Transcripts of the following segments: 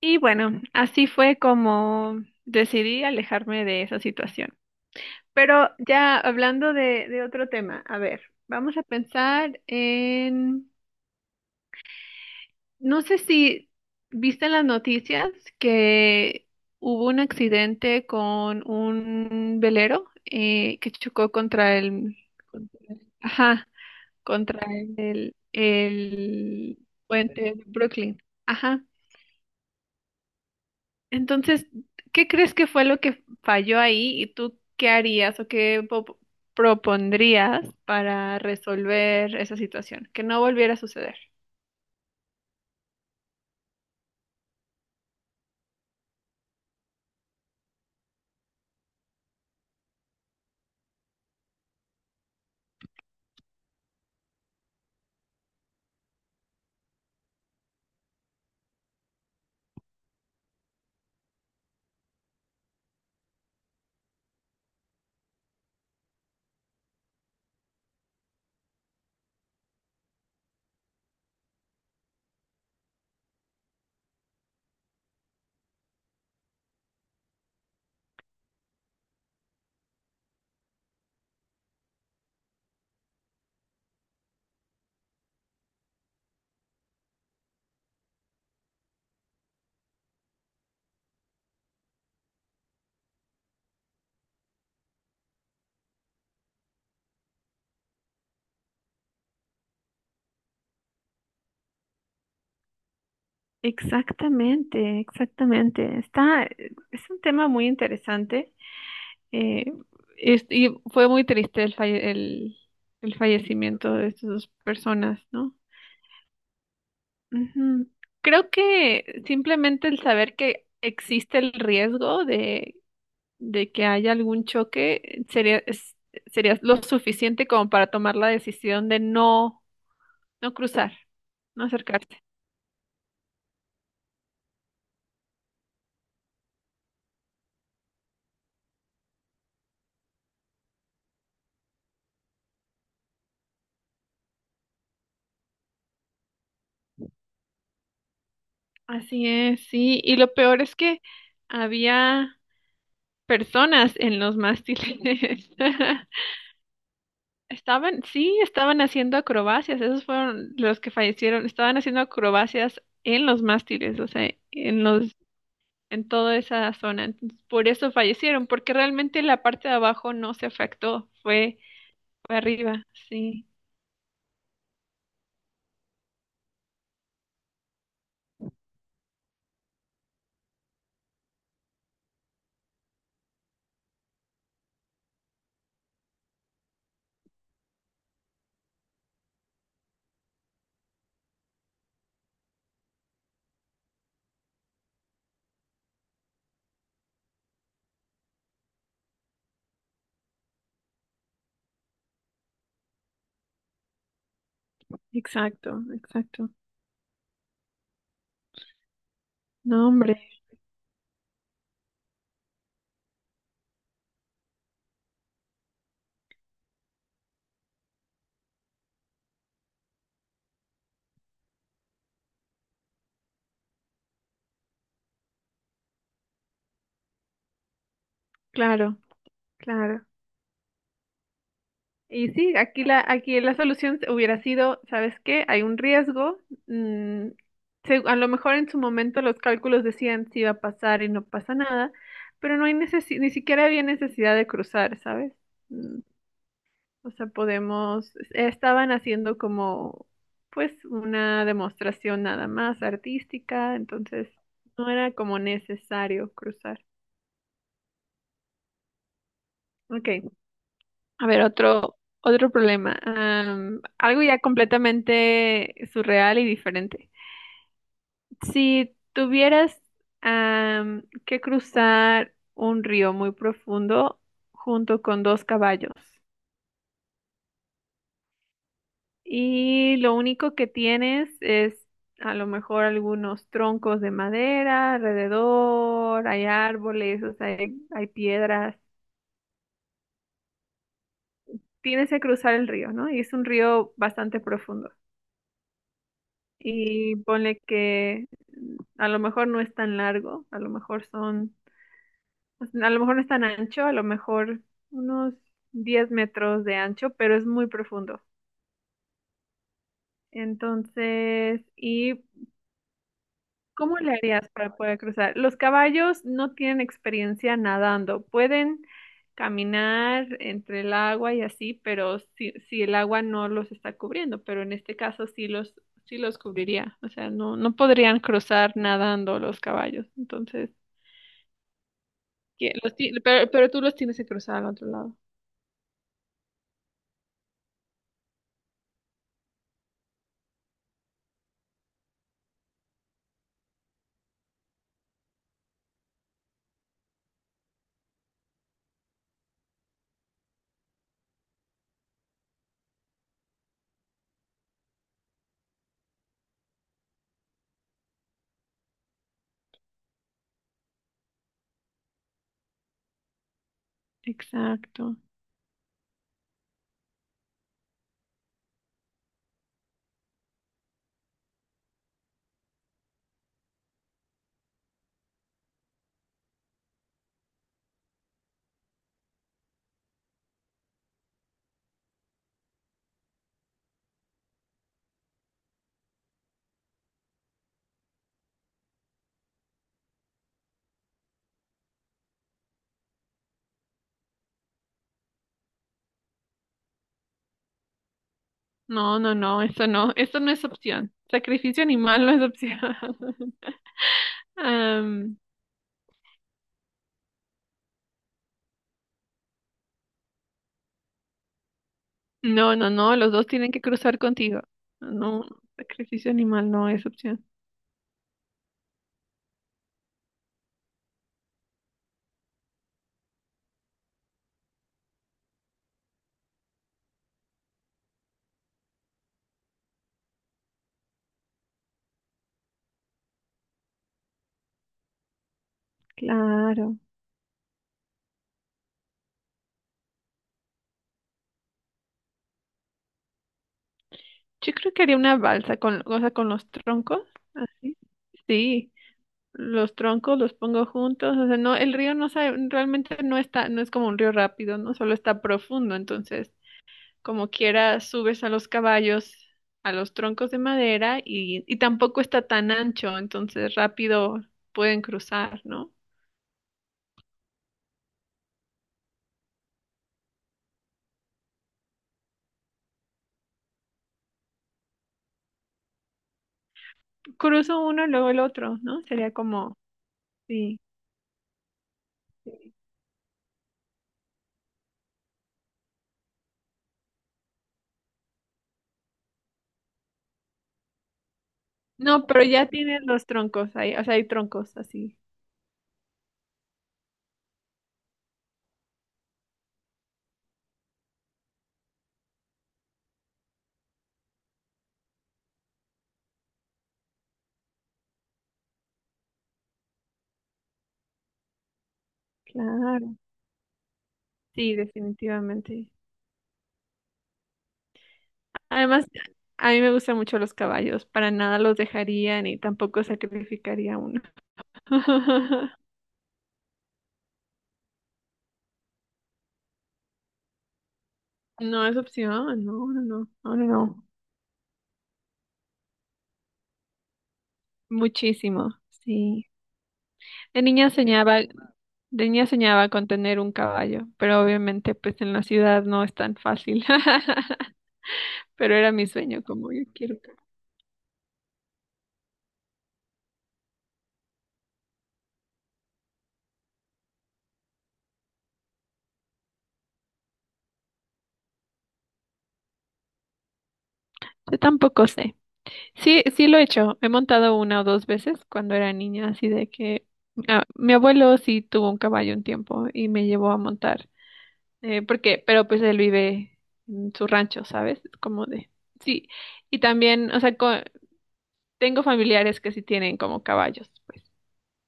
Y bueno, así fue como decidí alejarme de esa situación. Pero ya hablando de otro tema, a ver, vamos a pensar en, no sé si viste en las noticias que hubo un accidente con un velero que chocó contra el, ajá, contra el puente de Brooklyn. Ajá. Entonces, ¿qué crees que fue lo que falló ahí y tú qué harías o propondrías para resolver esa situación? Que no volviera a suceder. Exactamente, exactamente. Está, es un tema muy interesante. eh, y fue muy triste el fallecimiento de estas dos personas, ¿no? Ujú. Creo que simplemente el saber que existe el riesgo de que haya algún choque, sería lo suficiente como para tomar la decisión de no, no cruzar, no acercarse. Así es, sí. Y lo peor es que había personas en los mástiles. Estaban, sí, estaban haciendo acrobacias. Esos fueron los que fallecieron. Estaban haciendo acrobacias en los mástiles, o sea, en los, en toda esa zona. Entonces, por eso fallecieron, porque realmente la parte de abajo no se afectó. Fue para arriba, sí, exacto, exacto. No, hombre, claro, claro. Y sí, aquí la solución hubiera sido, ¿sabes qué? Hay un riesgo. mm, a lo mejor en su momento los cálculos decían si iba a pasar y no pasa nada, pero no hay necesi- ni siquiera había necesidad de cruzar, ¿sabes? Mm, o sea, podemos, estaban haciendo como, pues, una demostración nada más artística, entonces no era como necesario cruzar. Ok. A ver, otro problema. Algo ya completamente surreal y diferente. Si tuvieras que cruzar un río muy profundo junto con dos caballos y lo único que tienes es a lo mejor algunos troncos de madera alrededor, hay árboles, o sea, hay piedras. Tienes que cruzar el río, ¿no? Y es un río bastante profundo. Y ponle que a lo mejor no es tan largo, a lo mejor no es tan ancho, a lo mejor unos 10 metros de ancho, pero es muy profundo. Entonces, y ¿cómo le harías para poder cruzar? Los caballos no tienen experiencia nadando, pueden caminar entre el agua y así, pero si, si el agua no los está cubriendo, pero en este caso sí los cubriría, o sea, no, no podrían cruzar nadando los caballos, entonces, pero tú los tienes que cruzar al otro lado. Exacto. No, no, no, eso no, eso no es opción. Sacrificio animal no es opción. Am, No, no, no, los dos tienen que cruzar contigo. No, sacrificio animal no es opción. Claro. Yo creo que haría una balsa o sea, con los troncos, así. Sí, los troncos los pongo juntos, o sea, no, el río no sabe, realmente no está, no es como un río rápido, ¿no? Solo está profundo, entonces, como quiera, subes a los caballos, a los troncos de madera y tampoco está tan ancho, entonces rápido pueden cruzar, ¿no? Cruzo uno, luego el otro, ¿no? Sería como sí. No, pero ya tienen los troncos ahí, o sea, hay troncos así. Claro. Sí, definitivamente. Además, a mí me gustan mucho los caballos, para nada los dejaría ni tampoco sacrificaría uno. No es opción, no, no, no, no, no, no. Muchísimo, sí. De niña soñaba, de niña soñaba con tener un caballo, pero obviamente pues en la ciudad no es tan fácil. Pero era mi sueño, como yo quiero. Un caballo. Yo tampoco sé. Sí, sí lo he hecho. He montado una o dos veces cuando era niña, así de que ah, mi abuelo sí tuvo un caballo un tiempo y me llevó a montar. Porque, pero pues él vive en su rancho, ¿sabes? Es como de, sí. Y también, o sea, tengo familiares que sí tienen como caballos, pues.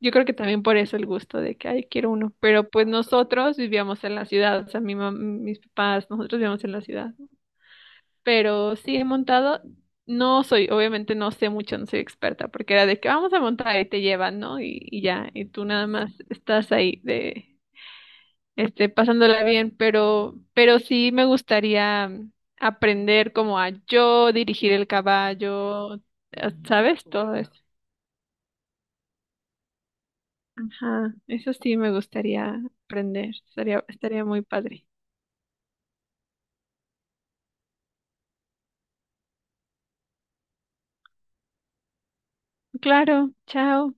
Yo creo que también por eso el gusto de que, ay, quiero uno. Pero pues nosotros vivíamos en la ciudad, o sea, mis papás, nosotros vivíamos en la ciudad pero sí he montado. No soy, obviamente no sé mucho, no soy experta, porque era de que vamos a montar y te llevan, ¿no? Y ya, y tú nada más estás ahí de, este, pasándola bien, pero sí me gustaría aprender como a yo dirigir el caballo, ¿sabes? Todo eso. Ajá, eso sí me gustaría aprender, estaría, estaría muy padre. Claro, chao.